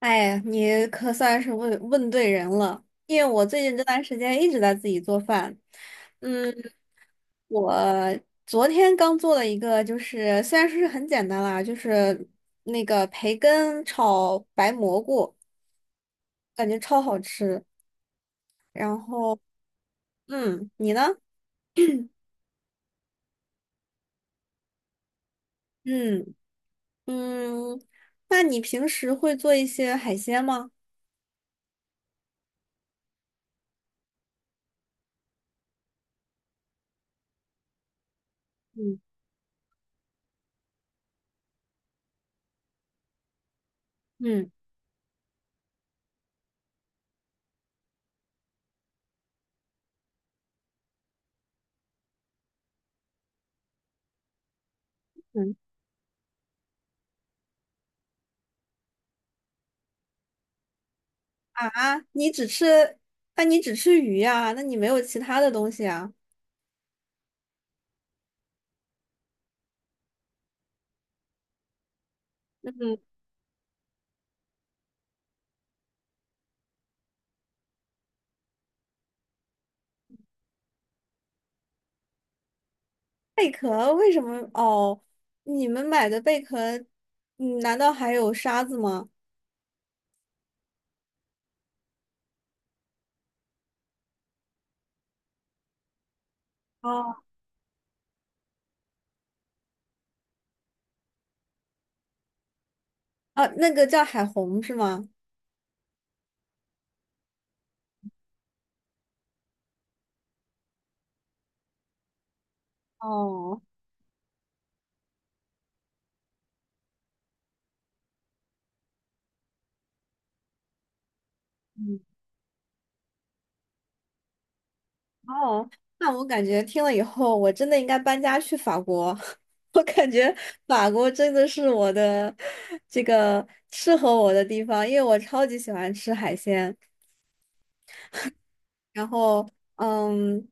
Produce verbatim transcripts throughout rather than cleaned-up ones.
哎，你可算是问问对人了，因为我最近这段时间一直在自己做饭。嗯，我昨天刚做了一个，就是虽然说是很简单啦，就是那个培根炒白蘑菇，感觉超好吃。然后，嗯，你呢？嗯嗯，那你平时会做一些海鲜吗？嗯嗯嗯啊，你只吃，那你只吃鱼呀？那你没有其他的东西啊？嗯。贝壳为什么？哦，你们买的贝壳，嗯，难道还有沙子吗？哦，啊，那个叫海虹是吗？哦，嗯，哦，那我感觉听了以后，我真的应该搬家去法国。我感觉法国真的是我的这个适合我的地方，因为我超级喜欢吃海鲜。然后，嗯，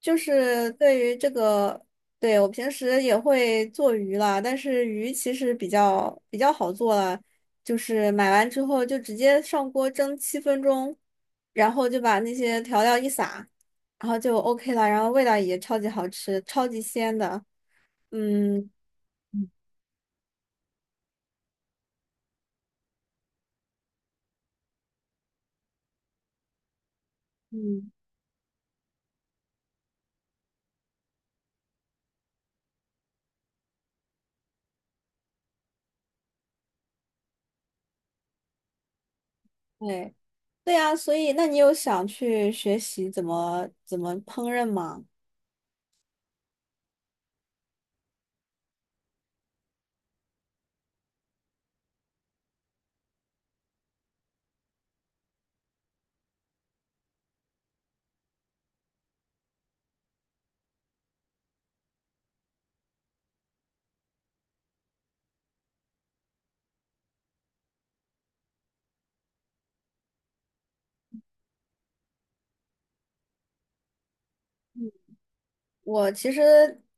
就是对于这个，对，我平时也会做鱼啦，但是鱼其实比较比较好做了，就是买完之后就直接上锅蒸七分钟，然后就把那些调料一撒，然后就 OK 了，然后味道也超级好吃，超级鲜的。嗯嗯，对对呀，所以那你有想去学习怎么怎么烹饪吗？我其实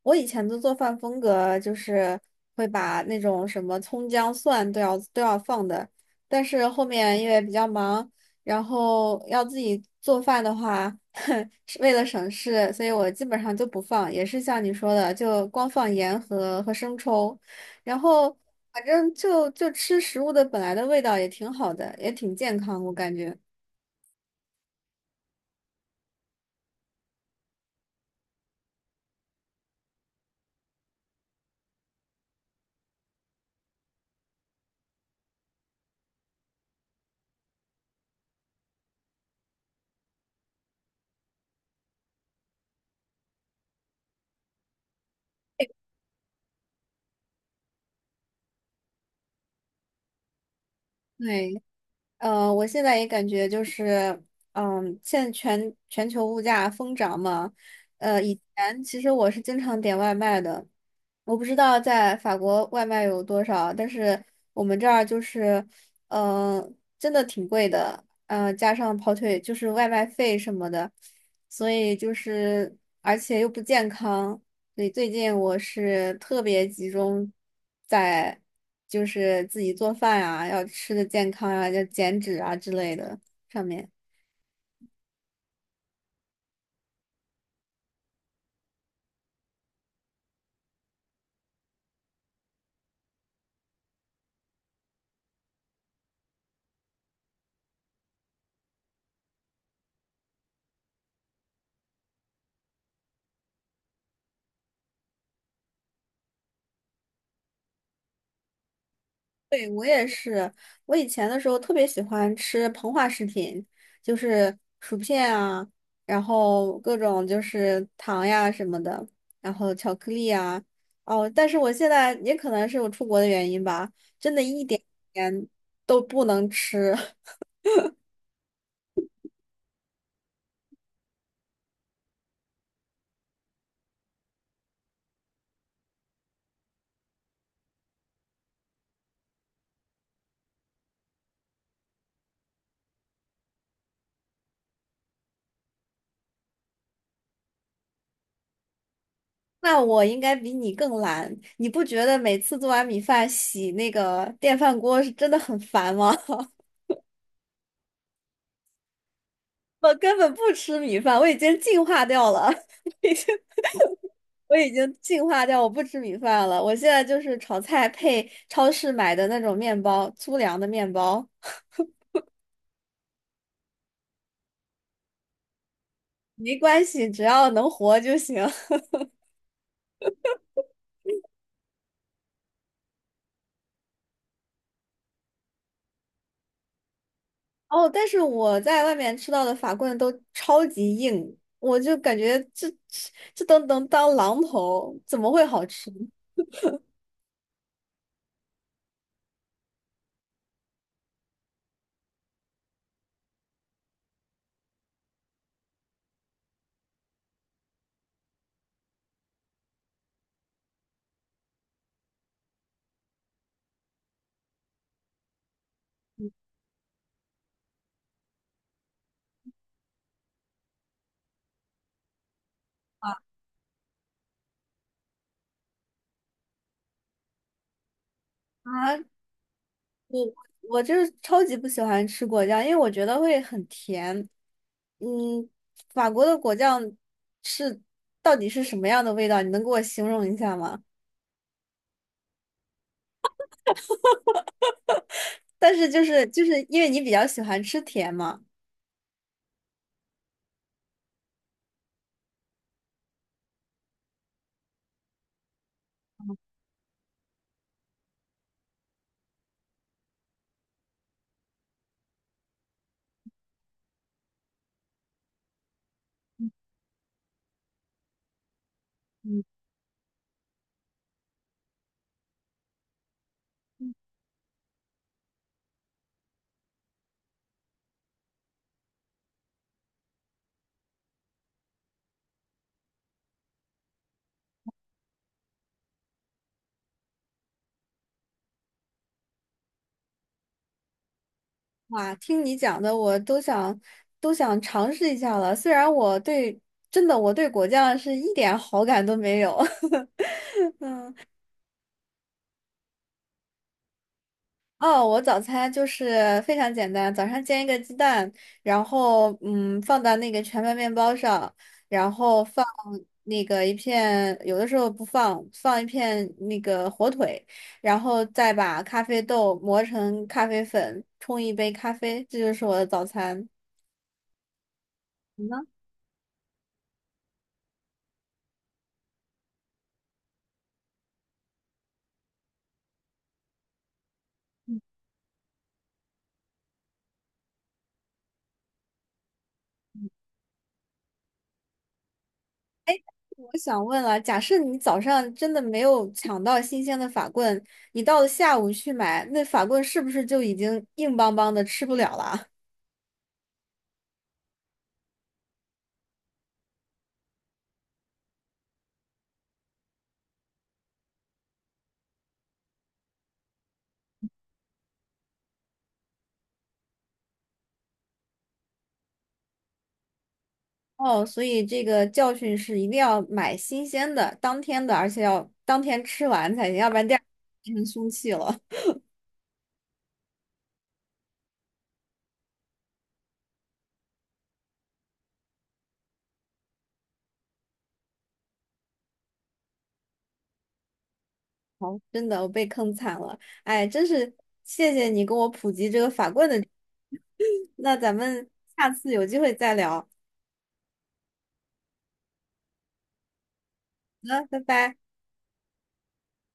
我以前的做饭风格就是会把那种什么葱姜蒜都要都要放的，但是后面因为比较忙，然后要自己做饭的话，是为了省事，所以我基本上就不放，也是像你说的，就光放盐和和生抽，然后反正就就吃食物的本来的味道也挺好的，也挺健康，我感觉。对。呃，我现在也感觉就是，嗯，现在全全球物价疯涨嘛，呃，以前其实我是经常点外卖的，我不知道在法国外卖有多少，但是我们这儿就是，嗯、真的挺贵的，嗯，加上跑腿就是外卖费什么的，所以就是而且又不健康，所以最近我是特别集中在就是自己做饭啊，要吃的健康啊，要减脂啊之类的上面。对，我也是，我以前的时候特别喜欢吃膨化食品，就是薯片啊，然后各种就是糖呀什么的，然后巧克力啊。哦，但是我现在也可能是我出国的原因吧，真的一点点都不能吃。那我应该比你更懒，你不觉得每次做完米饭洗那个电饭锅是真的很烦吗？我根本不吃米饭，我已经进化掉了，我已经进化掉，我不吃米饭了。我现在就是炒菜配超市买的那种面包，粗粮的面包，没关系，只要能活就行。哦，但是我在外面吃到的法棍都超级硬，我就感觉这这这都能当榔头，怎么会好吃？啊，我我就是超级不喜欢吃果酱，因为我觉得会很甜。嗯，法国的果酱是到底是什么样的味道？你能给我形容一下吗？但是就是就是因为你比较喜欢吃甜嘛，哇，听你讲的我都想都想尝试一下了。虽然我对真的我对果酱是一点好感都没有。哦，我早餐就是非常简单，早上煎一个鸡蛋，然后嗯放到那个全麦面包上，然后放那个一片，有的时候不放，放一片那个火腿，然后再把咖啡豆磨成咖啡粉，冲一杯咖啡，这就是我的早餐。你呢？我想问了，假设你早上真的没有抢到新鲜的法棍，你到了下午去买，那法棍是不是就已经硬邦邦的吃不了了？哦，所以这个教训是一定要买新鲜的、当天的，而且要当天吃完才行，要不然第二天变成凶器了。好，真的，我被坑惨了。哎，真是谢谢你跟我普及这个法棍的知识那咱们下次有机会再聊。好的，拜拜。